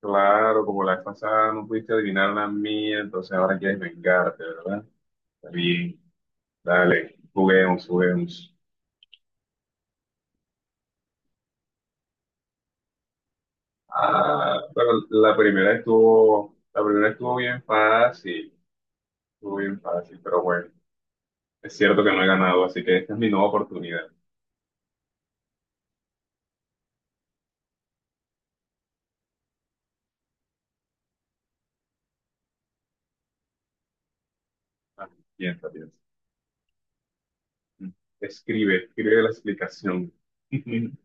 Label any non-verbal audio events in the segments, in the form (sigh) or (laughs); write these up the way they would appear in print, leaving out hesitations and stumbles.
Claro, como la vez pasada no pudiste adivinar la mía, entonces ahora quieres vengarte, ¿verdad? Está bien, dale, juguemos, juguemos. Ah, bueno, la primera estuvo bien fácil, pero bueno, es cierto que no he ganado, así que esta es mi nueva oportunidad. Ah, piensa, piensa. Escribe, escribe la explicación. (laughs)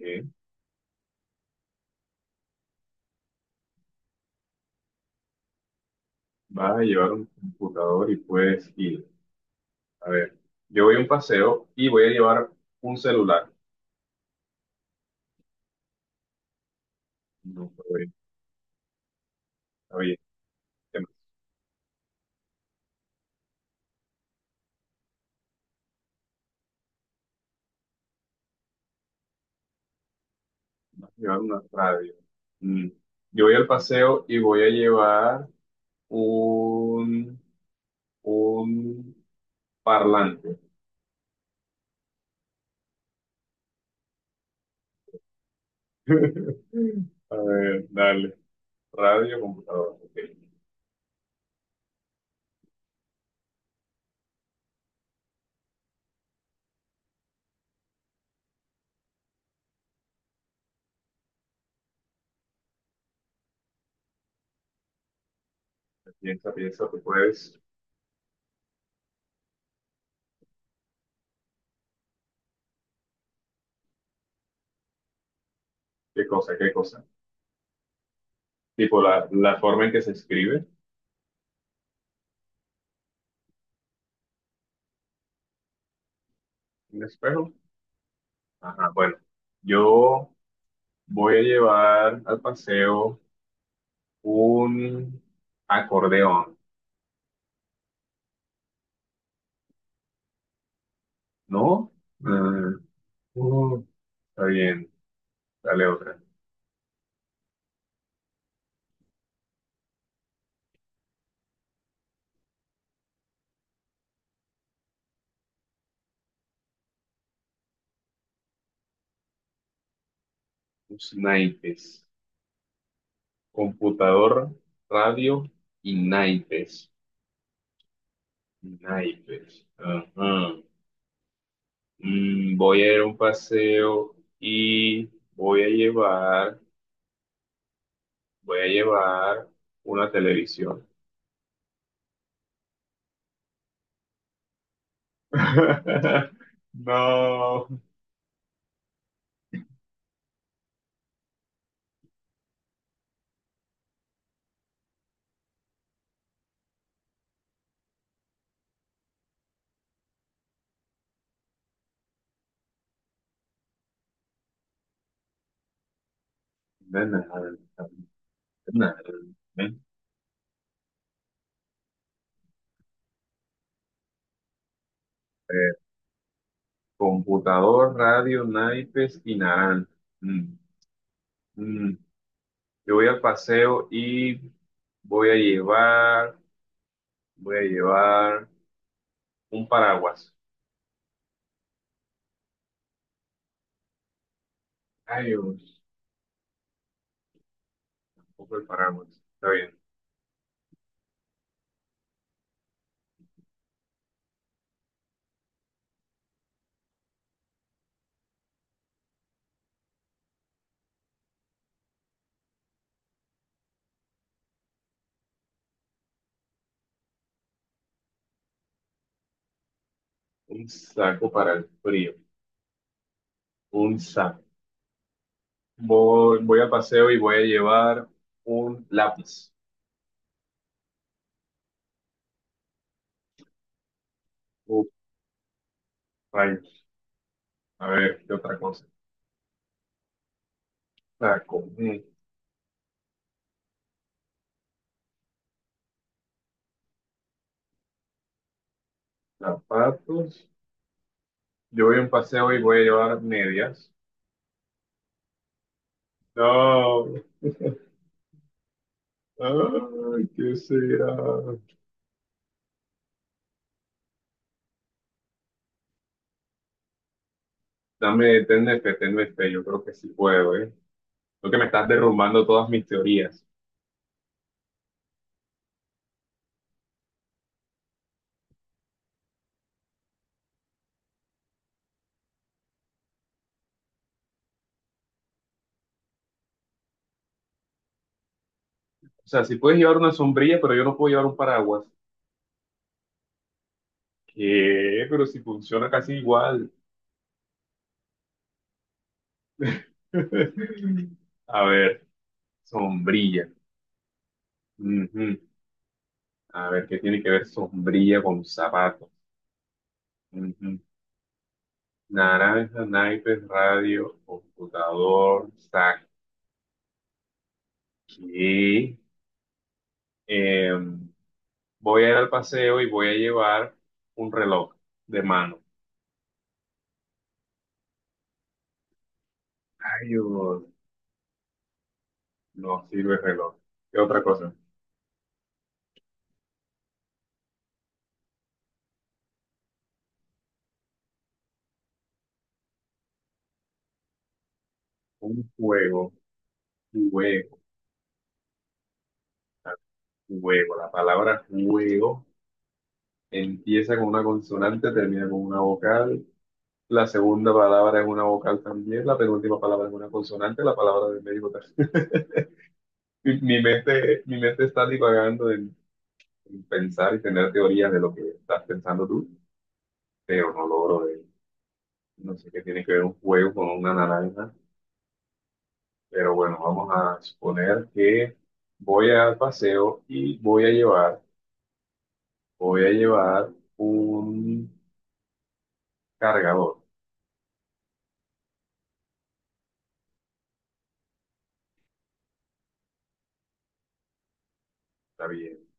Eh, Vas a llevar un computador y puedes ir. A ver, yo voy a un paseo y voy a llevar un celular. No, puedo. Oye, te vas a llevar una radio. Mm. Yo voy al paseo y voy a llevar un, un parlante. (laughs) A ver, dale. Radio, computadora. Ok. Piensa, piensa, tú puedes. ¿Qué cosa? ¿Qué cosa? Tipo la forma en que se escribe. Un espejo. Ajá, bueno. Yo voy a llevar al paseo un acordeón, ¿no? Mm, uh, está bien. Dale otra. Los naipes. Computador, radio y naipes. Naipes. Ajá. Voy a ir a un paseo y voy a llevar, voy a llevar una televisión. (laughs) No. De nada, de nada. Eh, Computador, radio, naipes y naranja. Mm, mm. Yo voy al paseo y voy a llevar Voy a llevar un paraguas. Ay, Dios, poco el paraguas. Está bien. Un saco para el frío. Un saco. Voy al paseo y voy a llevar un lápiz. Uf, rayos. A ver, ¿qué otra cosa? Saco. Mm. Zapatos. Yo voy a un paseo y voy a llevar medias. No. (laughs) Ay, ¿qué será? Dame, tenme fe, tenme fe. Yo creo que sí puedo, ¿eh? Lo que me estás derrumbando todas mis teorías. O sea, si puedes llevar una sombrilla, pero yo no puedo llevar un paraguas. ¿Qué? Pero si funciona casi igual. (laughs) A ver, sombrilla. Ujú. A ver, ¿qué tiene que ver sombrilla con zapatos? Ujú. Naranja, naipes, radio, computador, saqué. Em, voy a ir al paseo y voy a llevar un reloj de mano. Ay, Dios, no sirve el reloj. ¿Qué otra cosa? Un juego, un juego. Juego, la palabra juego empieza con una consonante, termina con una vocal. La segunda palabra es una vocal también, la penúltima palabra es una consonante, la palabra del médico también. (laughs) Mi mente está divagando en pensar y tener teorías de lo que estás pensando tú, pero no logro de, no sé qué tiene que ver un juego con una naranja, pero bueno, vamos a suponer que voy al paseo y voy a llevar un cargador, está bien.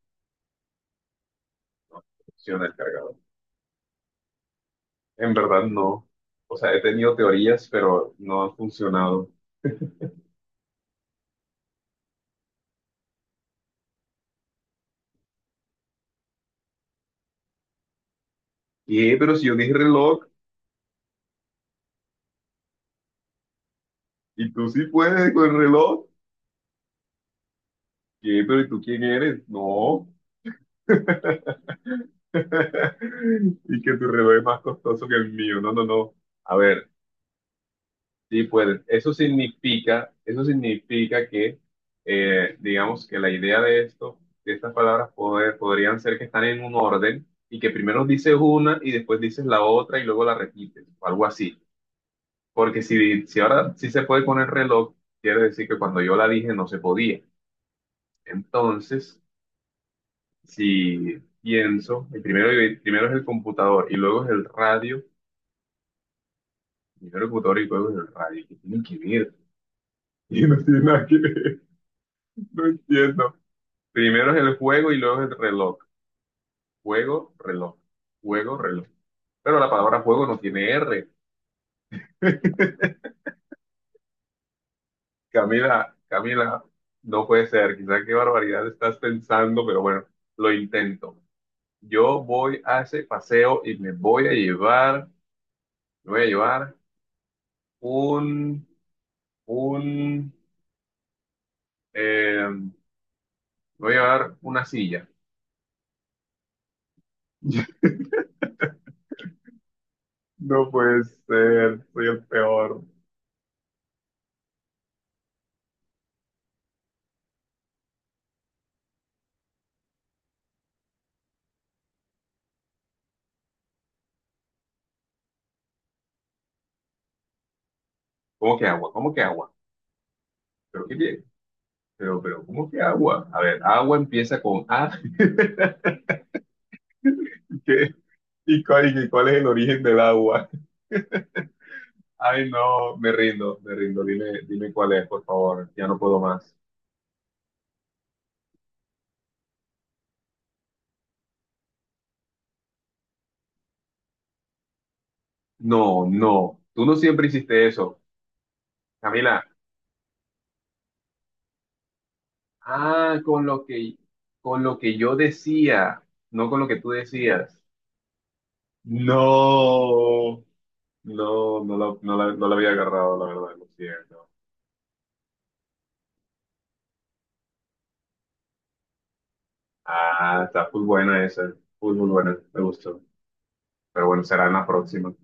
No funciona el cargador. En verdad no. O sea, he tenido teorías, pero no han funcionado. ¿Qué? Pero si yo dije reloj, y tú sí puedes con el reloj. ¿Qué? Pero ¿y tú quién eres? No. (laughs) Y que tu reloj es más costoso que el mío. No, no, no. A ver, sí puedes. Eso significa que, digamos que la idea de esto, de estas palabras podrían ser que están en un orden y que primero dices una y después dices la otra y luego la repites, o algo así. Porque si ahora sí se puede con el reloj, quiere decir que cuando yo la dije no se podía. Entonces, si pienso, primero es el computador y luego es el radio, primero el computador y luego es el radio, ¿que tienen que ver? (laughs) Y no tiene nada que ver, no entiendo. Primero es el juego y luego es el reloj. Juego, reloj, juego, reloj. Pero la palabra juego no tiene R. Camila, Camila, no puede ser, quizá qué barbaridad estás pensando, pero bueno, lo intento. Yo voy a ese paseo y me voy a llevar un, un, eh, me una silla. (laughs) No puede ser, soy el peor. ¿Cómo que agua? ¿Cómo que agua? Pero qué bien. ¿Cómo que agua? A ver, agua empieza con A. (laughs) ¿Qué? ¿Y cuál es el origen del agua? (laughs) Ay, no, me rindo, me rindo. Dime, dime cuál es, por favor. Ya no puedo más. No, no. Tú no siempre hiciste eso. Camila. Ah, con lo que yo decía, no con lo que tú decías. No, no, no la había agarrado, la verdad, lo siento. Ah, está muy buena esa, muy, muy buena, me gustó. Pero bueno, será en la próxima.